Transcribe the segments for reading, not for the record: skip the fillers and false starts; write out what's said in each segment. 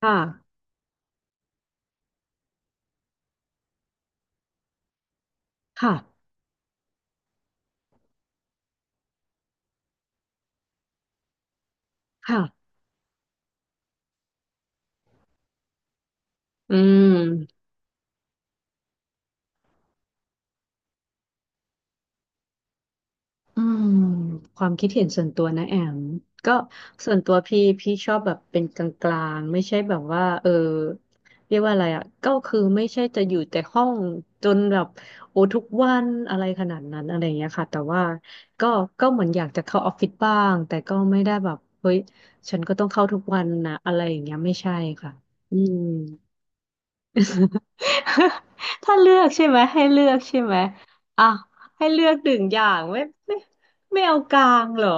ค่ะค่ะค่ะอืมอืมความคิดเห็นส่วนตัวนะแอมก็ส่วนตัวพี่ชอบแบบเป็นกลางๆ ไม่ใช่แบบว่าเรียกว่าอะไรอ่ะก็คือไม่ใช่จะอยู่แต่ห้องจนแบบโอ้ทุกวันอะไรขนาดนั้นอะไรอย่างเงี้ยค่ะแต่ว่าก็ก็เหมือนอยากจะเข้าออฟฟิศบ้างแต่ก็ไม่ได้แบบเฮ้ยฉันก็ต้องเข้าทุกวันนะอะไรอย่างเงี้ยไม่ใช่ค่ะอืม ถ้าเลือกใช่ไหมให้เลือกใช่ไหมอ่ะให้เลือกหนึ่งอย่างไม่ไม่เอากลางเหรอ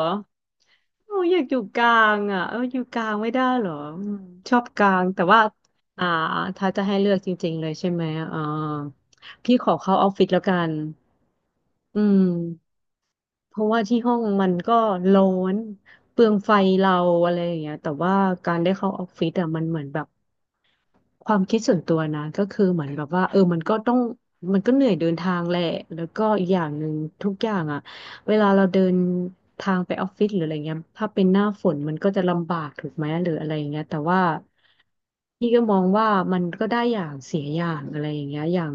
โอ้ยอยากอยู่กลางอ่ะเอออยู่กลางไม่ได้เหรออืมชอบกลางแต่ว่าอ่าถ้าจะให้เลือกจริงๆเลยใช่ไหมอ่าพี่ขอเข้าออฟฟิศแล้วกันอืมเพราะว่าที่ห้องมันก็ร้อนเปลืองไฟเราอะไรอย่างเงี้ยแต่ว่าการได้เข้าออฟฟิศอ่ะมันเหมือนแบบ ความคิดส่วนตัวนะก็คือเหมือนแบบว่าเออมันก็เหนื่อยเดินทางแหละแล้วก็อีกอย่างหนึ่งทุกอย่างอ่ะ เวลาเราเดินทางไปออฟฟิศหรืออะไรเงี้ยถ้าเป็นหน้าฝนมันก็จะลำบากถูกไหมหรืออะไรเงี้ยแต่ว่าพี่ก็มองว่ามันก็ได้อย่างเสียอย่างอะไรอย่างเงี้ยอย่าง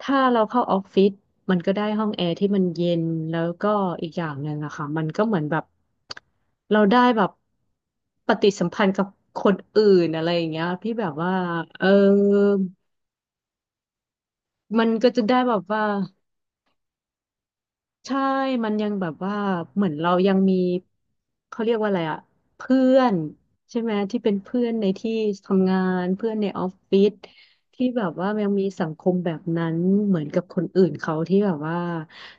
ถ้าเราเข้าออฟฟิศมันก็ได้ห้องแอร์ที่มันเย็นแล้วก็อีกอย่างหนึ่งอะค่ะมันก็เหมือนแบบเราได้แบบปฏิสัมพันธ์กับคนอื่นอะไรอย่างเงี้ยพี่แบบว่าเออมันก็จะได้แบบว่า ใช่ มันยังแบบว่าเหมือนเรายังมีเขาเรียกว่าอะไรอะเพื่อนใช่ไหมที่เป็นเพื่อนในที่ทำงานเพื่อนในออฟฟิศที่แบบว่ายังมีสังคมแบบนั้นเหมือนกับคนอื่นเขาที่แบบว่า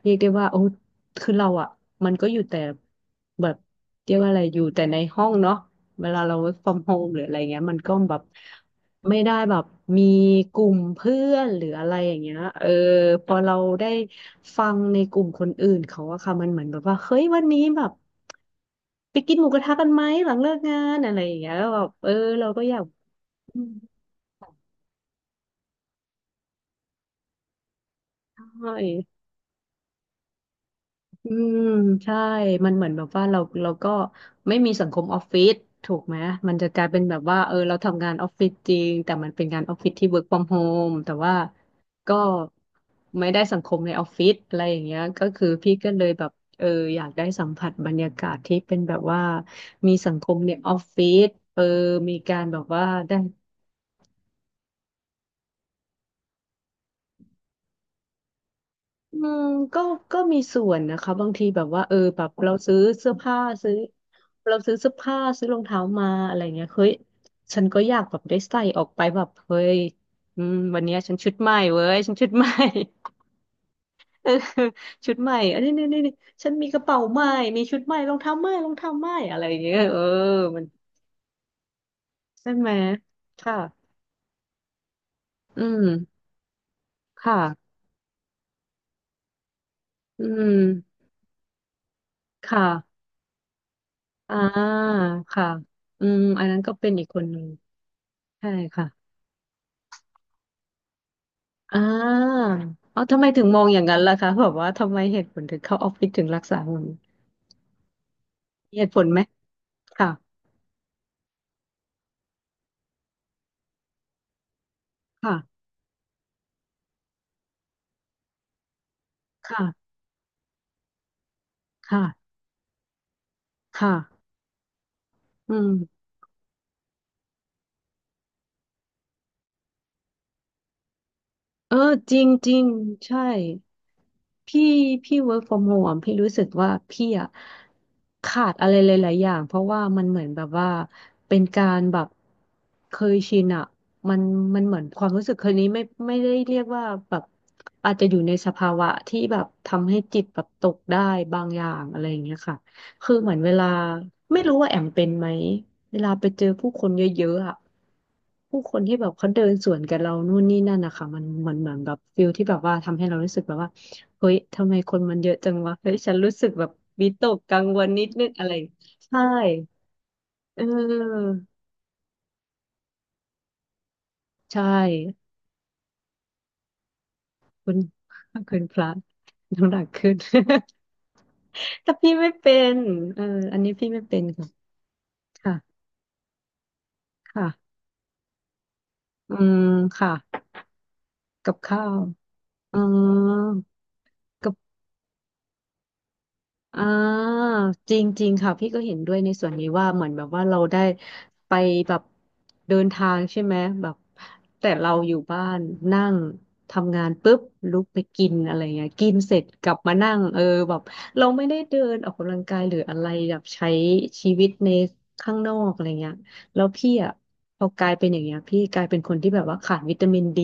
เรียกได้ว่าโอ้คือเราอะมันก็อยู่แต่แบบเรียกว่าอะไรอยู่แต่ในห้องเนาะเวลาเรา work from home หรืออะไรเงี้ยมันก็แบบ ไม่ได้แบบมีกลุ่มเพื่อนหรืออะไรอย่างเงี้ยเออ พอเราได้ฟังในกลุ่มคนอื่นเขาอะค่ะมันเหมือนแบบว่า เฮ้ยวันนี้แบบไปกินหมูกระทะกันไหมหลังเลิกงานอะไรอย่างเงี้ยแล้วแบบเออเราก็อยากใช่ อืมใช่ มันเหมือนแบบว่าเราก็ไม่มีสังคมออฟฟิศถูกไหมมันจะกลายเป็นแบบว่าเออเราทำงานออฟฟิศจริงแต่มันเป็นงานออฟฟิศที่ work from home แต่ว่าก็ไม่ได้สังคมในออฟฟิศอะไรอย่างเงี้ยก็คือพี่ก็เลยแบบเอออยากได้สัมผัสบรรยากาศที่เป็นแบบว่ามีสังคมในออฟฟิศเออมีการแบบว่าได้ อืมก็มีส่วนนะคะบางทีแบบว่าเออแบบซื้อเราซื้อเสื้อผ้าซื้อรองเท้ามาอะไรเงี้ยเฮ้ยฉันก็อยากแบบได้ใส่ออกไปแบบเฮ้ยอืมวันเนี้ยฉันชุดใหม่เว้ยฉันชุดใหม่ เออชุดใหม่อันนี้นี่นี่นี่ฉันมีกระเป๋าใหม่มีชุดใหม่รองเท้าใหม่อะไรอย่างเงี้ยเออมันใช่ไหมค่ะอืมค่ะอืมค่ะอ่าค่ะอืมอันนั้นก็เป็นอีกคนหนึ่งใช่ค่ะ อ่าเอาทำไมถึงมองอย่างนั้นล่ะคะ แบบว่าทำไมเหตุผลถึงเข้าออฟฟิศถึงรักษาหุ่นมีเหตุผลไหม ค่ะ ค่ะ ค่ะ ค่ะ ค่ะ อืม เออ จริงจริง ใช่ พี่พี่ work from home พี่รู้สึกว่าพี่อะขาดอะไรหลายๆอย่างเพราะว่ามันเหมือนแบบว่าเป็นการแบบเคยชินอะมันมันเหมือนความรู้สึกคนนี้ไม่ไม่ได้เรียกว่าแบบอาจจะอยู่ในสภาวะที่แบบทำให้จิตแบบตกได้บางอย่างอะไรอย่างเงี้ยค่ะคือเหมือนเวลาไม่รู้ว่าแอมเป็นไหมเวลาไปเจอผู้คนเยอะๆอะผู้คนที่แบบเขาเดินสวนกับเรานู่นนี่นั่นนะคะมันเหมือนแบบฟิลที่แบบว่าทำให้เรารู้สึกแบบว่า เฮ้ยทำไมคนมันเยอะจังวะเฮ้ยฉันรู้สึกแบบวิตกกังวลนิดนึงอะไรใช่เออใช่คุณคุณพระน้ำหนักขึ้น แต่พี่ไม่เป็นเอออันนี้พี่ไม่เป็นค่ะค่ะค่ะอืมค่ะกับข้าวอ๋อ อ่าจริงๆค่ะพี่ก็เห็นด้วยในส่วนนี้ว่าเหมือนแบบว่าเราได้ไปแบบเดินทางใช่ไหมแบบแต่เราอยู่บ้านนั่งทำงานปุ๊บลุกไปกินอะไรเงี้ยกินเสร็จกลับมานั่งเออแบบเราไม่ได้เดินออกกำลังกายหรืออะไรแบบใช้ชีวิตในข้างนอกอะไรเงี้ย แล้วพี่อ่ะพอกลายเป็นอย่างเงี้ยพี่กลายเป็นคนที่แบบว่าขาดวิตามินดี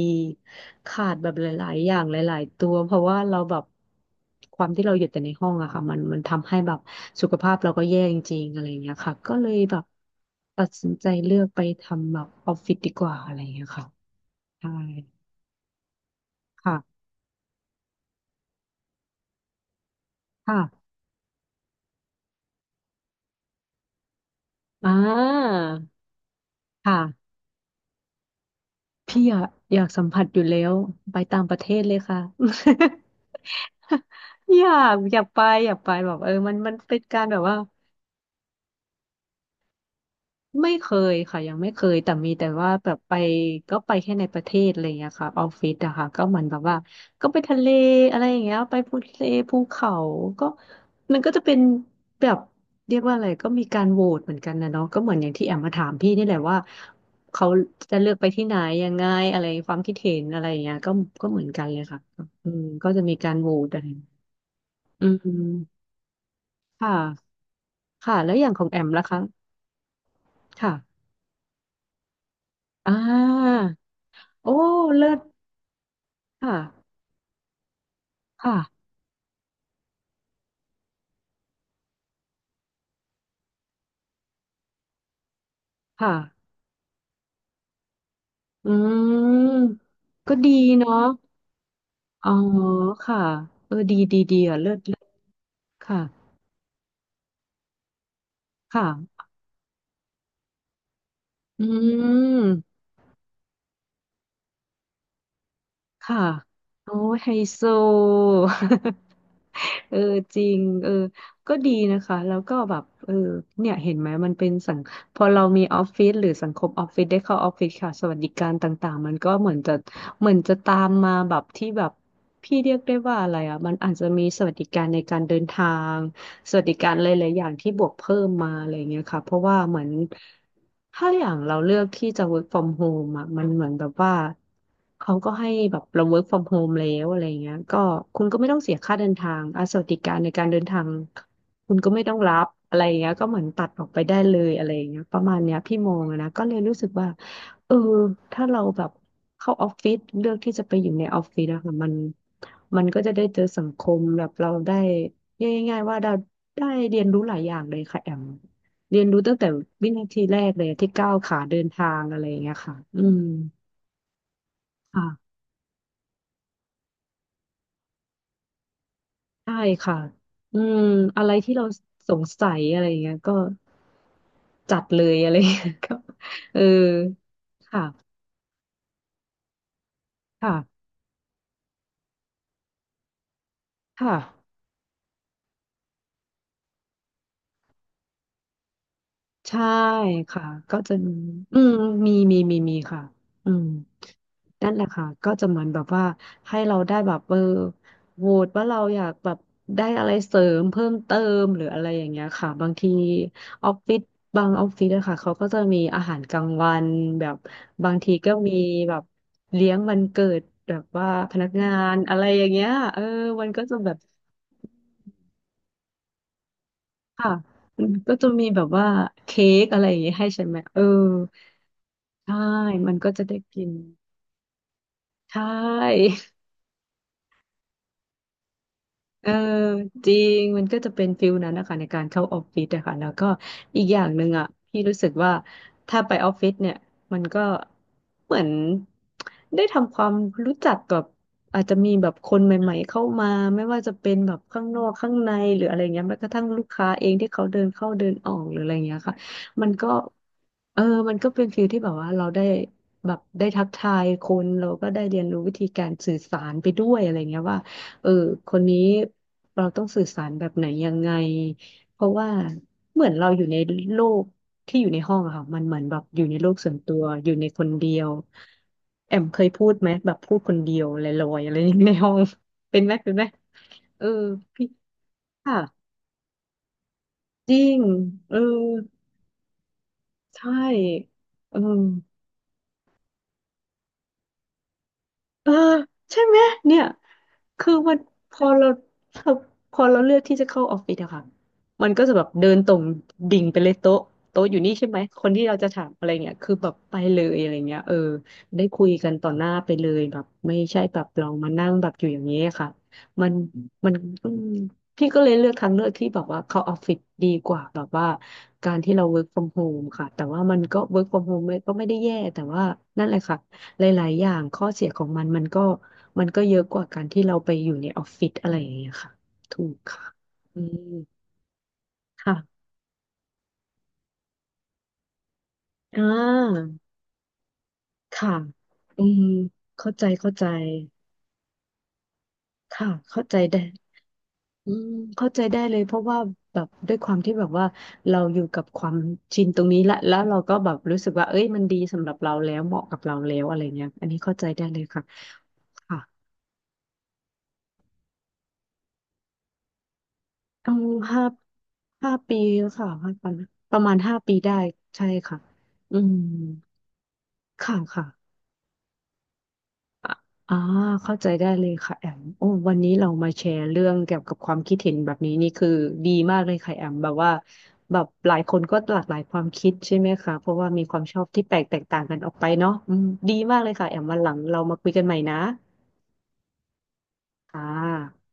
ขาดแบบหลายๆอย่างหลายๆตัวเพราะว่าเราแบบความที่เราอยู่แต่ในห้องอะค่ะมันทำให้แบบสุขภาพเราก็แย่จริงๆอะไรอย่างเงี้ยค่ะก็เลยแบบตัดสินใจเลือกไปทำแบบออฟฟิศดีกว่าอะไรอย่างเงี้ยค่ะใช่ค่ะค่ะอ่าค่ะพี่อยากอยากสัมผัสอยู่แล้วไปต่างประเทศเลยค่ะ อยากอยากไปอยากไปแบบเออมันมันเป็นการแบบว่า ไม่เคยค่ะยังไม่เคยแต่มีแต่ว่าแบบไปก็ไปแค่ในประเทศอะไรอย่างเงี้ยค่ะออฟฟิศอะค่ะก็เหมือนแบบว่าก็ไปทะเลอะไรอย่างเงี้ยไปภูทะเลภูเขาก็มันก็จะเป็นแบบเรียกว่าอะไรก็มีการโหวตเหมือนกันนะเนาะก็เหมือนอย่างที่แอมมาถามพี่นี่แหละว่าเขาจะเลือกไปที่ไหนยังไงอะไรความคิดเห็นอะไรอย่างเงี้ยก็ก็เหมือนกันเลยค่ะอืมก็จะมีการโหวตอะไรอืมค่ะค่ะแล้วอย่างของแอมล่ะคะค่ะอ่าโอ้เลิศ ค่ะ ค่ะ ค่ะ อืม ก็ดีเนาะอ๋อค่ะ เออดี ดี ดีอ่ะเลิศเลิศค่ะ ค่ะ อืม ค่ะโอ้ยไฮโซ เออจริงเออก็ดีนะคะแล้วก็แบบเออเนี่ยเห็นไหมมันเป็นสังพอเรามีออฟฟิศหรือสังคมออฟฟิศได้เข้าออฟฟิศค่ะสวัสดิการต่างๆมันก็เหมือนจะเหมือนจะตามมาแบบที่แบบพี่เรียกได้ว่าอะไรอ่ะมันอาจจะมีสวัสดิการในการเดินทาง สวัสดิการหลายๆอย่างที่บวกเพิ่มมาอะไรเงี้ยค่ะเพราะว่าเหมือนถ้าอย่างเราเลือกที่จะ work from home อ่ะมันเหมือนแบบว่าเขาก็ให้แบบเรา work from home แล้วอะไรเงี้ยก็คุณก็ไม่ต้องเสียค่าเดินทางอ่ะสวัสดิการในการเดินทางคุณก็ไม่ต้องรับอะไรเงี้ยก็เหมือนตัดออกไปได้เลยอะไรเงี้ยประมาณเนี้ยพี่มองอะนะก็เลยรู้สึกว่าเออถ้าเราแบบเข้าออฟฟิศเลือกที่จะไปอยู่ในออฟฟิศอะค่ะมันก็จะได้เจอสังคมแบบเราได้ เรียกง่ายๆว่าเราได้เรียนรู้หลายอย่างเลยค่ะแอมเรียนรู้ตั้งแต่วินาทีแรกเลยที่ก้าวขาเดินทางอะไรอย่างเงี้ยค่ะอืมค่ะใช่ค่ะอืมอะไรที่เราสงสัยอะไรอย่างเงี้ยก็จัดเลยอะไรอย่างเงี้ย ก็เออค่ะค่ะค่ะ ใช่ค่ะก็จะมีอืมมีมีมีมีค่ะอืมนั่นแหละค่ะก็จะเหมือนแบบว่าให้เราได้แบบเออโหวตว่าเราอยากแบบได้อะไรเสริมเพิ่มเติมหรืออะไรอย่างเงี้ยค่ะบางทีออฟฟิศบางออฟฟิศอะค่ะเขาก็จะมีอาหารกลางวันแบบบางทีก็มีแบบเลี้ยงวันเกิดแบบว่าพนักงานอะไรอย่างเงี้ยเออมันก็จะแบบค่ะมันก็จะมีแบบว่าเค้กอะไรอย่างเงี้ยให้ใช่ไหมเออ ใช่มันก็จะได้กินใช่ เออจริงมันก็จะเป็นฟิลนั้นนะคะในการเข้าออฟฟิศอะค่ะแล้วก็อีกอย่างหนึ่งอะพี่รู้สึกว่าถ้าไปออฟฟิศเนี่ยมันก็เหมือนได้ทำความรู้จักกับอาจจะมีแบบคนใหม่ๆเข้ามาไม่ว่าจะเป็นแบบข้างนอกข้างในหรืออะไรเงี้ยแม้กระทั่งลูกค้าเองที่เขาเดินเข้าเดินออกหรืออะไรเงี้ยค่ะมันก็เออมันก็เป็นฟิลที่แบบว่าเราได้แบบได้ทักทายคนเราก็ได้เรียนรู้วิธีการสื่อสารไปด้วยอะไรเงี้ยว่า เออคนนี้เราต้องสื่อสารแบบไหนยังไงเพราะว่าเหมือนเราอยู่ในโลกที่อยู่ในห้องอะค่ะมันเหมือนแบบอยู่ในโลกส่วนตัวอยู่ในคนเดียวแอมเคยพูดไหมแบบพูดคนเดียวลอยๆอะไรในห้อง เป็นไหมเป็นไหมเออพี่ค่ะจริงเออใช่เออ เออใช่ไหมเนี่ยคือมันพอเราพอเราเลือกที่จะเข้าออฟฟิศอะค่ะมันก็จะแบบเดินตรงดิ่งไปเลยโต๊ะอยู่นี่ใช่ไหมคนที่เราจะถามอะไรเงี้ยคือแบบไปเลยอะไรเงี้ยเออได้คุยกันต่อหน้าไปเลยแบบไม่ใช่แบบเรามานั่งแบบอยู่อย่างนี้ยค่ะมันมันอืมพี่ก็เลยเลือกทางเลือกที่แบบว่าเข้าออฟฟิศดีกว่าแบบว่าการที่เรา work from home ค่ะแต่ว่ามันก็ work from home ไม่ก็ไม่ได้แย่แต่ว่านั่นแหละค่ะ หลายๆอย่างข้อเสียของมันมันก็เยอะกว่าการที่เราไปอยู่ในออฟฟิศอะไรอย่างเงี้ยค่ะถูกค่ะอืมค่ะอ่าค่ะอืมเข้าใจเข้าใจค่ะเข้าใจได้อืมเข้าใจได้เลยเพราะว่าแบบด้วยความที่แบบว่าเราอยู่กับความชินตรงนี้ละแล้วเราก็แบบรู้สึกว่าเอ้ยมันดีสำหรับเราแล้วเหมาะกับเราแล้วอะไรเงี้ยอันนี้เข้าใจได้เลยค่ะค่ะ เอาห้า5 ปีค่ะห้าปีประมาณห้าปีได้ใช่ค่ะอืมค่ะค่ะอ่ะอ่าเข้าใจได้เลยค่ะแอมโอ้วันนี้เรามาแชร์เรื่องเกี่ยวกับความคิดเห็นแบบนี้นี่คือดีมากเลยค่ะแอมแบบว่าแบบหลายคนก็หลากหลายความคิดใช่ไหมคะเพราะว่ามีความชอบที่แตกต่างกันออกไปเนาะอืมดีมากเลยค่ะแอมวันหลังเรามาคุยกันใหม่นะค่ะ